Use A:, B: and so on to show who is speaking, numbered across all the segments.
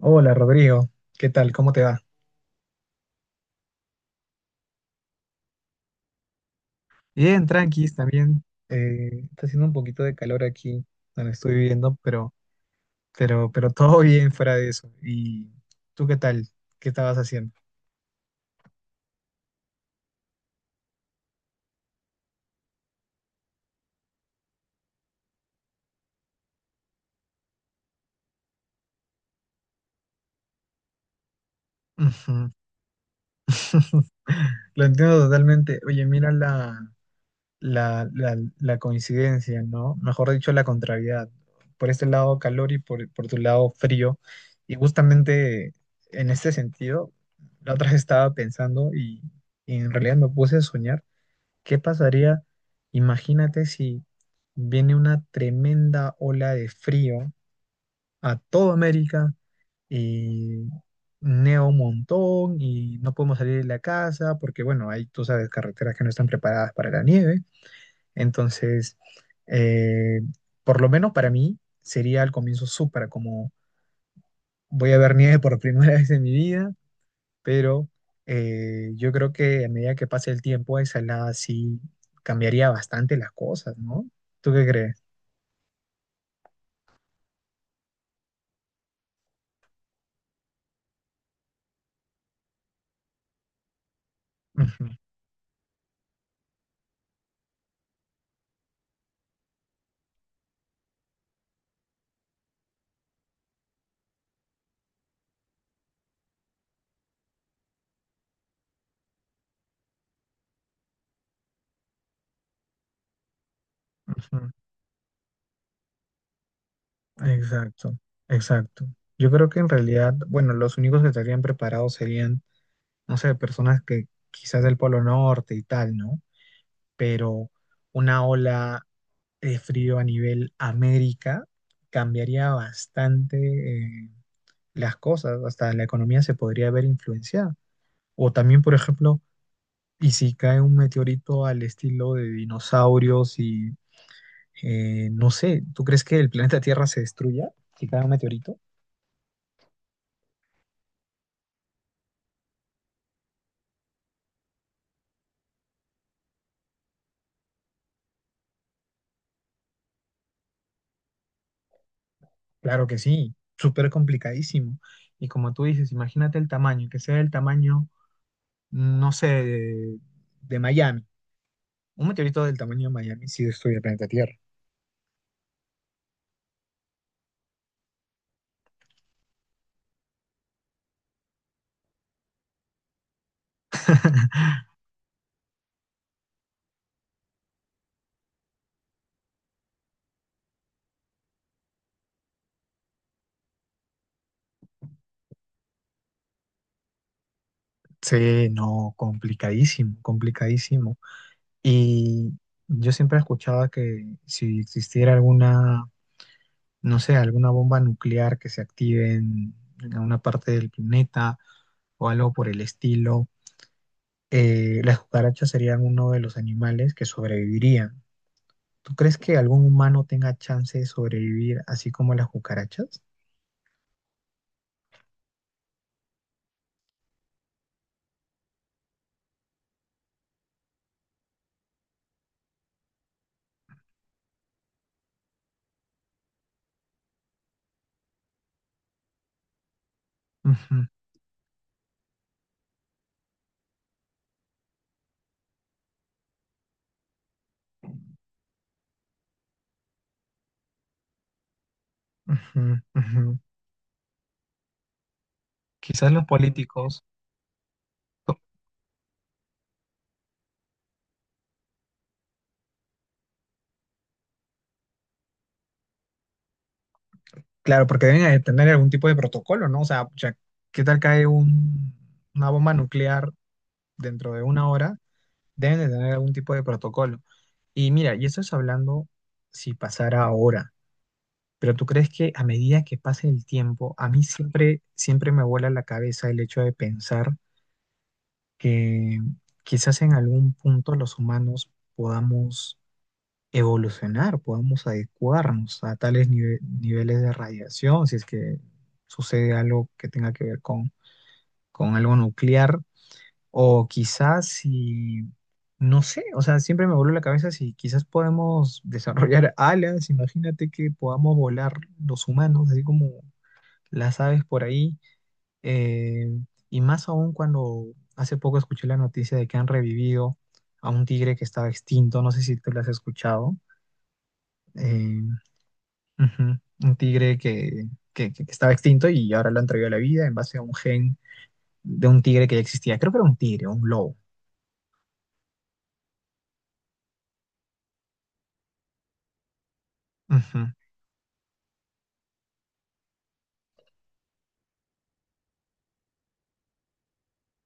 A: Hola Rodrigo, ¿qué tal? ¿Cómo te va? Bien, tranquis también. Está haciendo un poquito de calor aquí donde estoy viviendo, pero todo bien fuera de eso. ¿Y tú qué tal? ¿Qué estabas haciendo? Ujú. Lo entiendo totalmente. Oye, mira la coincidencia, ¿no? Mejor dicho, la contrariedad, ¿no? Por este lado calor y por tu lado frío. Y justamente en este sentido, la otra vez estaba pensando y en realidad me puse a soñar, ¿qué pasaría? Imagínate si viene una tremenda ola de frío a toda América y neva un montón y no podemos salir de la casa porque, bueno, hay, tú sabes, carreteras que no están preparadas para la nieve. Entonces, eh, por lo menos para mí sería al comienzo súper como voy a ver nieve por primera vez en mi vida, pero yo creo que a medida que pase el tiempo, esa helada sí cambiaría bastante las cosas, ¿no? ¿Tú qué crees? Ujú, ujú. Exacto, exacto. Yo creo que en realidad, bueno, los únicos que estarían preparados serían, no sé, personas que quizás del Polo Norte y tal, ¿no? Pero una ola de frío a nivel América cambiaría bastante eh, las cosas, hasta la economía se podría ver influenciada. O también, por ejemplo, y si cae un meteorito al estilo de dinosaurios y no sé, ¿tú crees que el planeta Tierra se destruya si cae un meteorito? Claro que sí, súper complicadísimo. Y como tú dices, imagínate el tamaño, que sea el tamaño, no sé, de Miami. Un meteorito del tamaño de Miami sí destruye el planeta Tierra. Sí, no, complicadísimo, complicadísimo. Y yo siempre escuchaba que si existiera alguna, no sé, alguna bomba nuclear que se active en alguna parte del planeta o algo por el estilo, las cucarachas serían uno de los animales que sobrevivirían. ¿Tú crees que algún humano tenga chance de sobrevivir así como las cucarachas? Ujú, ujú, ujú. Quizás los políticos. Claro, porque deben de tener algún tipo de protocolo, ¿no? O sea, ya, ¿qué tal cae una bomba nuclear dentro de una hora? Deben de tener algún tipo de protocolo. Y mira, y eso es hablando si pasara ahora, pero ¿tú crees que a medida que pase el tiempo, a mí siempre, siempre me vuela la cabeza el hecho de pensar que quizás en algún punto los humanos podamos evolucionar, podamos adecuarnos a tales niveles de radiación, si es que sucede algo que tenga que ver con algo nuclear, o quizás si, no sé, o sea, siempre me vuelve la cabeza si quizás podemos desarrollar alas, imagínate que podamos volar los humanos, así como las aves por ahí, eh, y más aún cuando hace poco escuché la noticia de que han revivido a un tigre que estaba extinto, no sé si tú lo has escuchado. Eh, Ujú. Un tigre que estaba extinto y ahora lo han traído a la vida en base a un gen de un tigre que ya existía. Creo que era un tigre, un lobo. Ujú,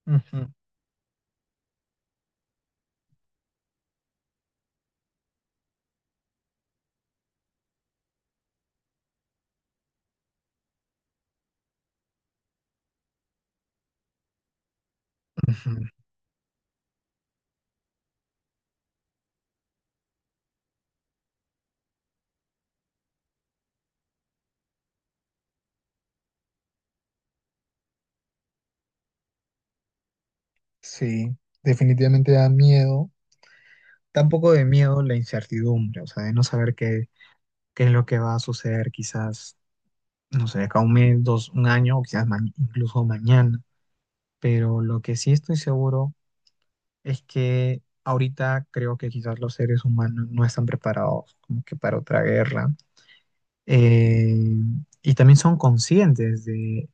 A: Ujú. Ujú. Sí, definitivamente da miedo. Tampoco de miedo la incertidumbre, o sea, de no saber qué es lo que va a suceder quizás, no sé, acá un mes, dos, un año o quizás incluso mañana. Pero lo que sí estoy seguro es que ahorita creo que quizás los seres humanos no están preparados como que para otra guerra, eh, y también son conscientes de,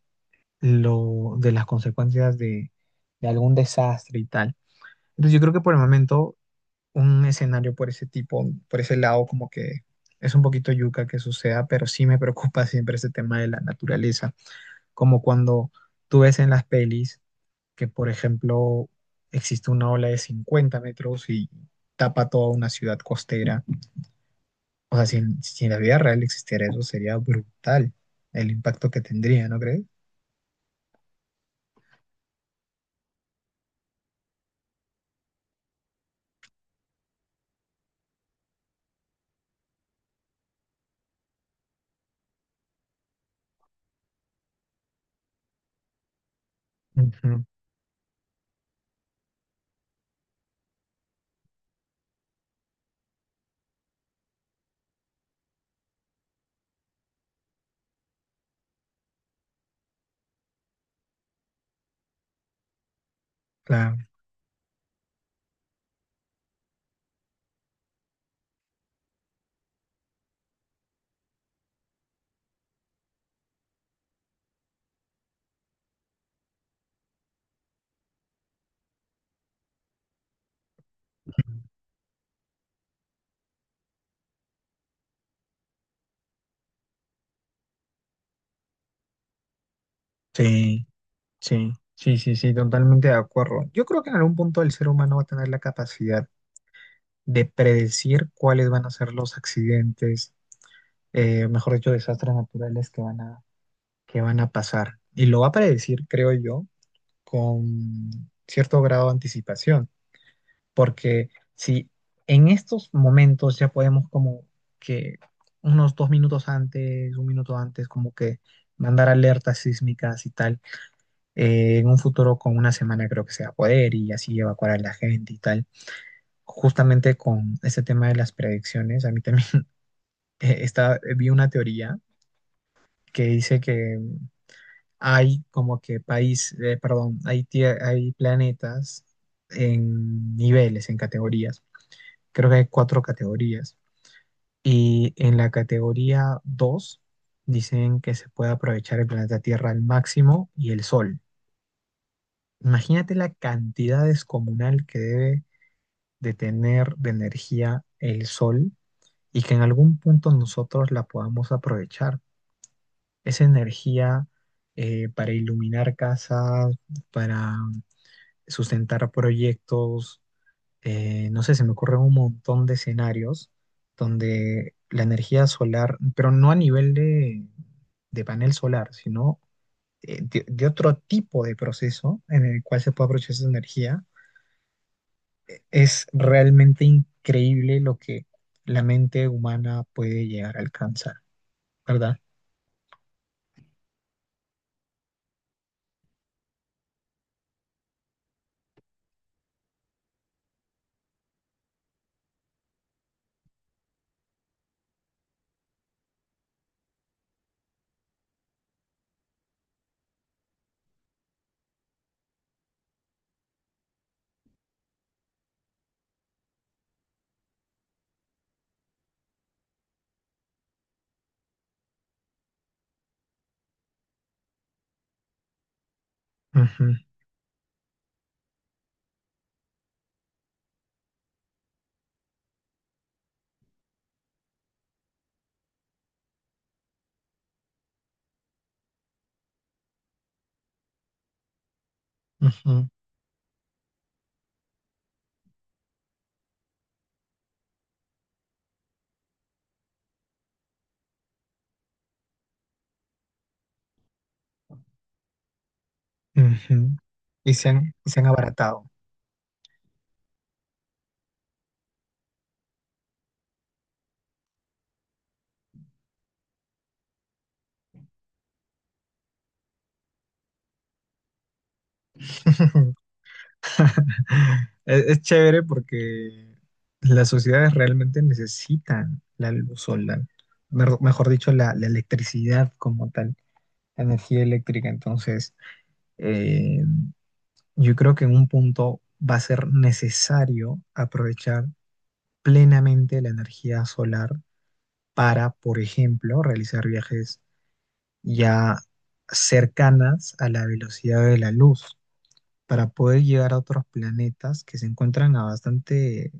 A: lo, de las consecuencias de algún desastre y tal. Entonces yo creo que por el momento un escenario por ese tipo, por ese lado, como que es un poquito yuca que suceda, pero sí me preocupa siempre ese tema de la naturaleza, como cuando tú ves en las pelis que, por ejemplo, existe una ola de 50 metros y tapa toda una ciudad costera. O sea, si en la vida real existiera eso, sería brutal el impacto que tendría, ¿no crees? Ujú. Claro, sí, sí, sí, sí, sí, totalmente de acuerdo. Yo creo que en algún punto el ser humano va a tener la capacidad de predecir cuáles van a ser los accidentes, mejor dicho, desastres naturales que van a, pasar. Y lo va a predecir, creo yo, con cierto grado de anticipación. Porque si en estos momentos ya podemos como que unos 2 minutos antes, un minuto antes, como que mandar alertas sísmicas y tal, en un futuro con una semana creo que se va a poder y así evacuar a la gente y tal. Justamente con este tema de las predicciones, a mí también vi una teoría que dice que hay como que país, perdón, hay planetas en niveles, en categorías. Creo que hay 4 categorías. Y en la categoría 2 dicen que se puede aprovechar el planeta Tierra al máximo y el Sol. Imagínate la cantidad descomunal que debe de tener de energía el Sol y que en algún punto nosotros la podamos aprovechar. Esa energía, para iluminar casas, para sustentar proyectos, no sé, se me ocurre un montón de escenarios donde la energía solar, pero no a nivel de panel solar, sino de otro tipo de proceso en el cual se puede aprovechar esa energía, es realmente increíble lo que la mente humana puede llegar a alcanzar, ¿verdad? Ujú, ujú, ujú. Y se han abaratado. Es chévere porque las sociedades realmente necesitan la luz solar, mejor dicho, la electricidad como tal, la energía eléctrica. Entonces, eh, yo creo que en un punto va a ser necesario aprovechar plenamente la energía solar para, por ejemplo, realizar viajes ya cercanas a la velocidad de la luz, para poder llegar a otros planetas que se encuentran a bastante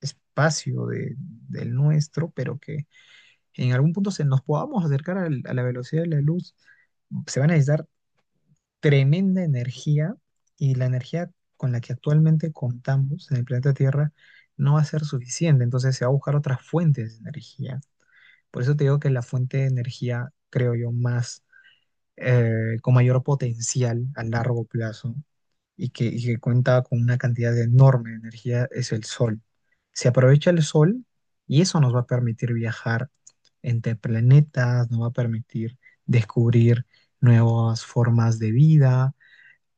A: espacio del nuestro, pero que en algún punto se nos podamos acercar a la velocidad de la luz, se va a necesitar tremenda energía y la energía con la que actualmente contamos en el planeta Tierra no va a ser suficiente, entonces se va a buscar otras fuentes de energía. Por eso te digo que la fuente de energía, creo yo, más con mayor potencial a largo plazo y que cuenta con una cantidad enorme de energía es el sol. Se aprovecha el sol y eso nos va a permitir viajar entre planetas, nos va a permitir descubrir nuevas formas de vida.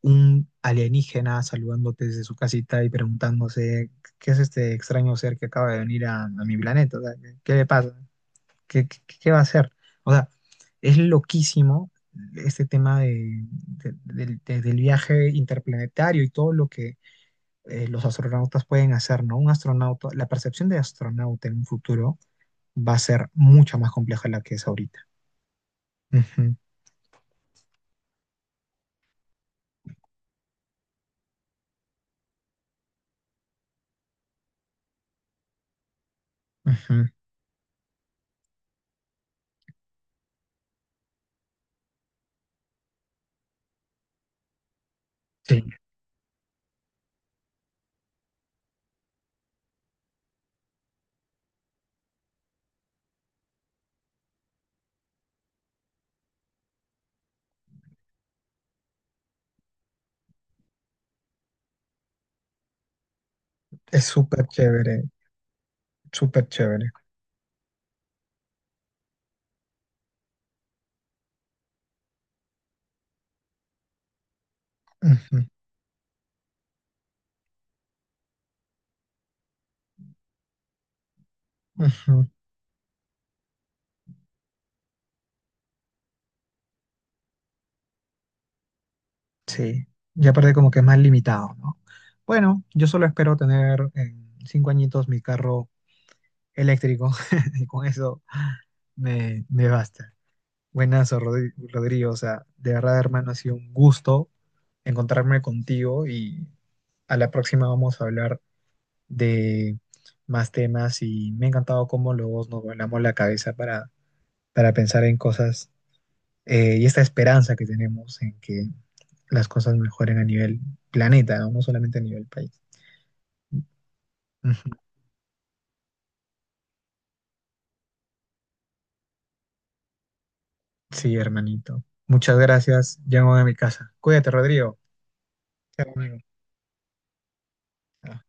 A: Un alienígena saludándote desde su casita y preguntándose, ¿qué es este extraño ser que acaba de venir a mi planeta? O sea, ¿qué le pasa? ¿Qué va a hacer? O sea, es loquísimo este tema del viaje interplanetario y todo lo que los astronautas pueden hacer, ¿no? Un astronauta, la percepción de astronauta en un futuro va a ser mucho más compleja de la que es ahorita. Ujú, ujú. Sí, es súper chévere, súper chévere. Ujú, ujú. Sí, ya aparte como que es más limitado, ¿no? Bueno, yo solo espero tener en 5 añitos mi carro eléctrico y con eso. Me basta. Buenas, Rodrigo. O sea, de verdad, hermano, ha sido un gusto encontrarme contigo y a la próxima vamos a hablar de más temas y me ha encantado cómo los dos nos volamos la cabeza para, pensar en cosas, y esta esperanza que tenemos en que las cosas mejoren a nivel planeta, no, no solamente a nivel país. Ujú. Sí, hermanito. Muchas gracias. Llamo a mi casa. Cuídate, Rodrigo. Chao, amigo. Ajá.